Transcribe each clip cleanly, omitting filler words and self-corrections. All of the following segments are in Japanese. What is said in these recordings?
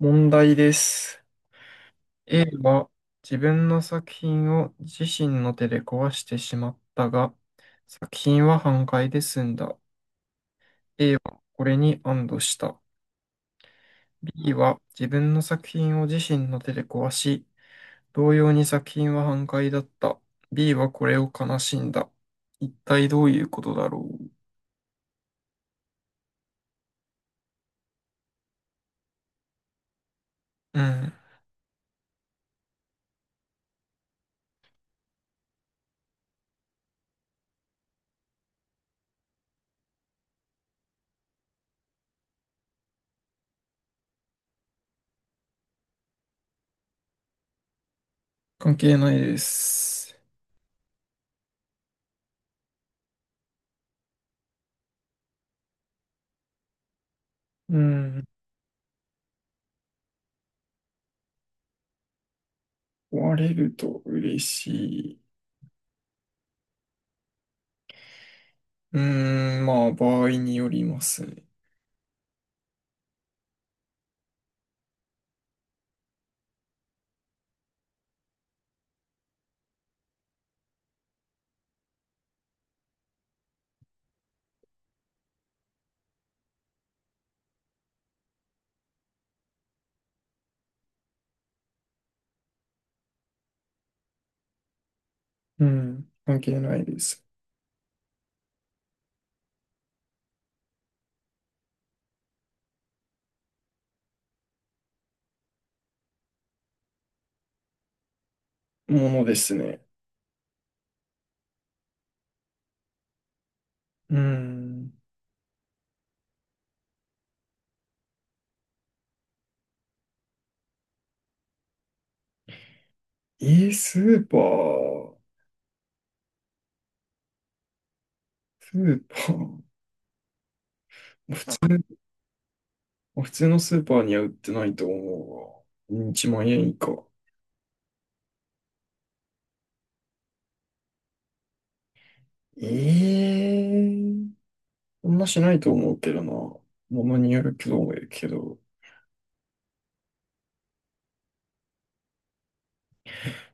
問題です。A は自分の作品を自身の手で壊してしまったが、作品は半壊で済んだ。A はこれに安堵した。B は自分の作品を自身の手で壊し、同様に作品は半壊だった。B はこれを悲しんだ。一体どういうことだろう。うん。関係ないです。うん。壊れると嬉しい。うーん、まあ、場合によりますね。うん、関係ないです。ものですね。うん。スーパー、スーパー、普通、普通のスーパーには売ってないと思うわ。1万円以下。ええそんなしないと思うけどな。ものによるけど、思うけど。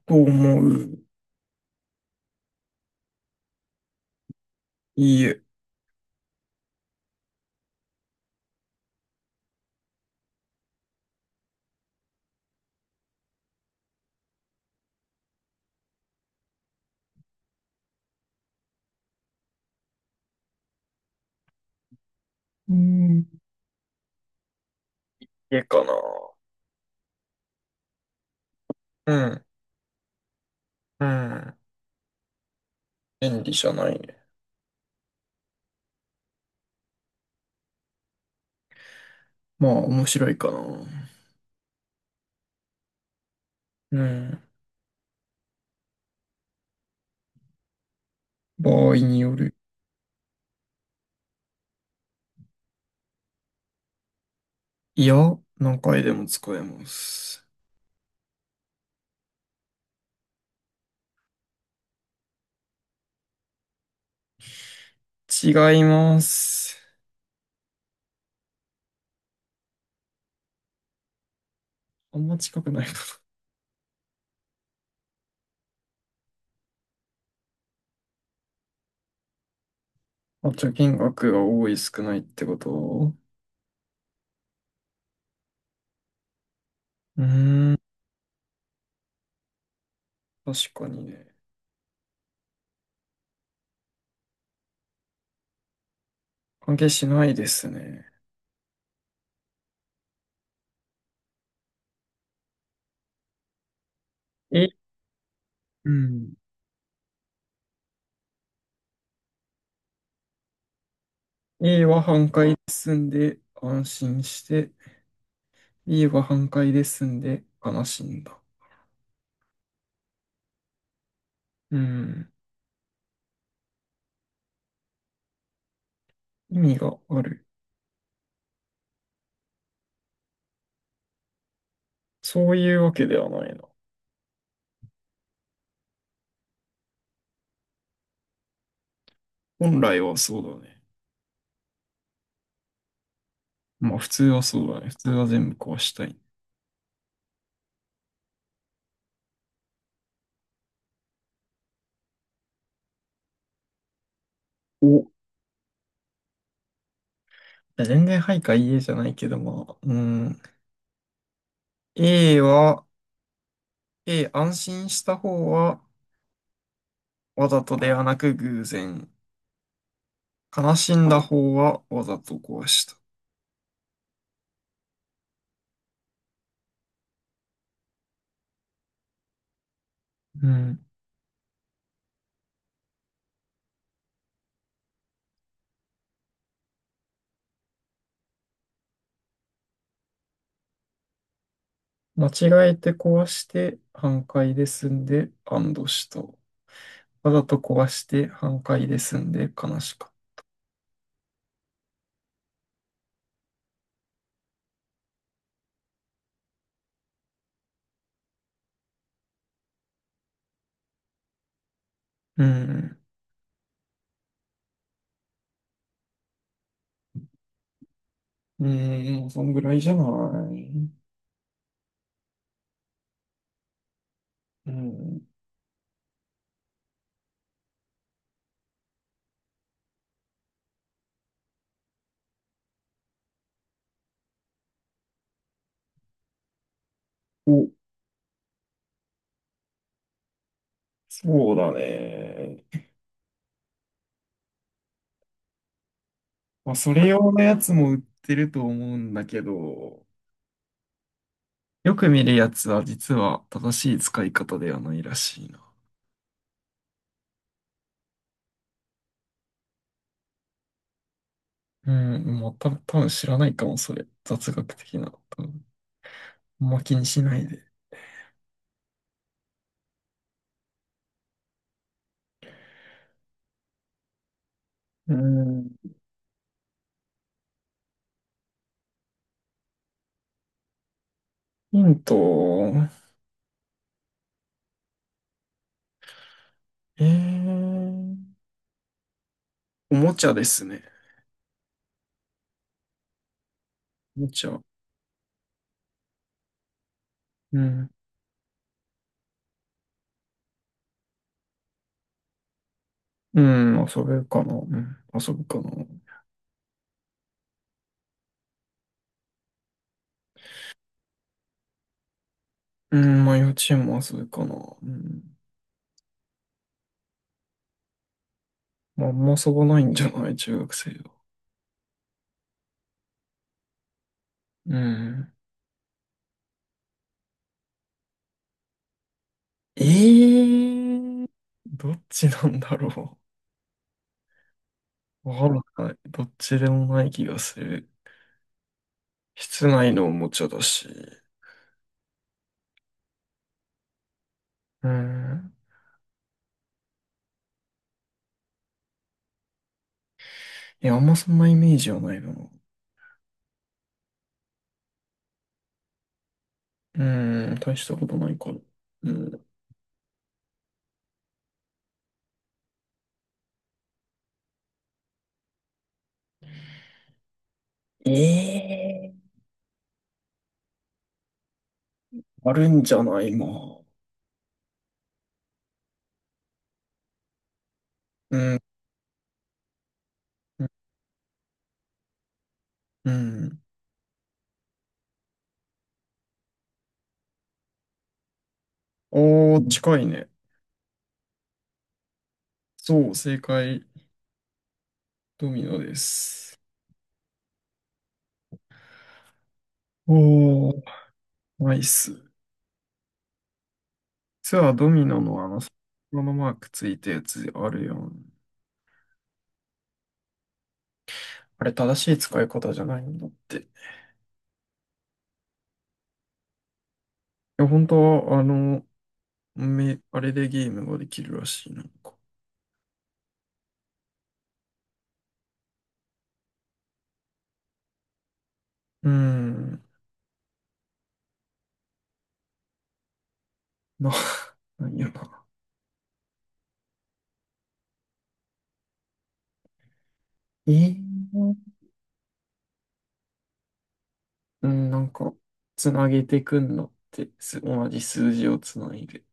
と思う。いいえ。うん。家かな。うん。うん。便利じゃないね。まあ、面白いかな。うん。場合による。いや、何回でも使えます。違います。あんま近くないかな。あ、貯金額が多い少ないってこと。うーん、確かにね。関係しないですね。え、うん。A は半壊で済んで安心して、B は半壊で済んで悲しんだ。うん。意味がある。そういうわけではないな。本来はそうだね。まあ普通はそうだね。普通は全部壊したい。お恋愛配下 EA じゃないけども、うん。A は、A、安心した方は、わざとではなく偶然。悲しんだ方は、わざと壊した。うん。間違えて壊して、反対で済んで、安堵した。わざと壊して、反対で済んで、悲しかった。うん。うん、そんぐらいじゃない。うん。お、そうだね。まあ、それ用のやつも売ってると思うんだけど、よく見るやつは実は正しい使い方ではないらしいな。うん、もうた、多分知らないかも、それ。雑学的な。多分あんま気にしないで。うん。ヒント、えー、おもちゃですね。おもちゃ。うん。うん、遊べるかな。うん、遊ぶかな。うん、まあ幼稚園も遊ぶかな。うん。まあ、あんま遊ばないんじゃない中学生は。うん。えー、どっちなんだろう。わからない。どっちでもない気がする。室内のおもちゃだし。うん。いや、あんまそんなイメージはないな。うん、大したことないから。うん。ええーあるんじゃないまあ。うん。うん。おー、近いね。そう、正解。ドミノです。おー、ナイス。実はドミノのあの、このマークついたやつあるやん。あれ、正しい使い方じゃないんだって。いや、本当は、あの、あれでゲームができるらしいな、んか。うーん。まあ、なんやな。ええうん、なんか、つなげてくんのって、同じ数字をつないで。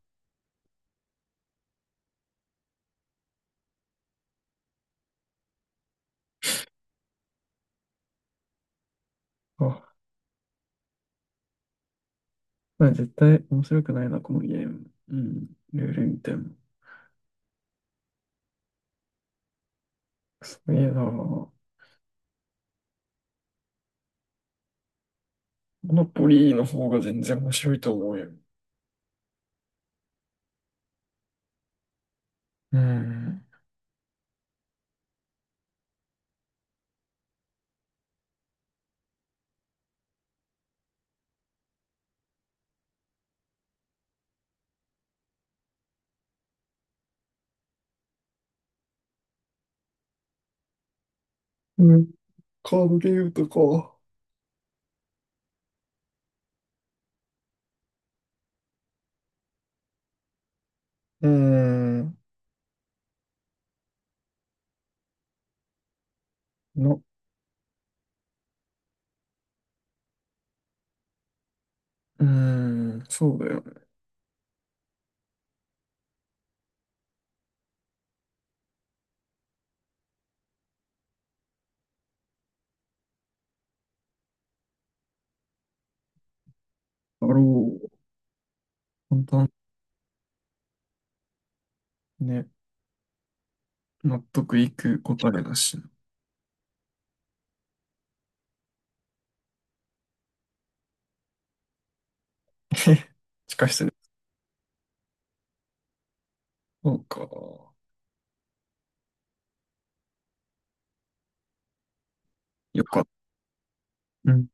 あ、まあ、絶対面白くないな、このゲーム。うん、ルール見ても。すげえな。モノポリーの方が全然面白いと思うよ。うん。うん、カードゲームとか。うーん。のうーん、そうだよね。だろう。簡単ね。納得いく答えだしな。しかしそうか。よかった。うん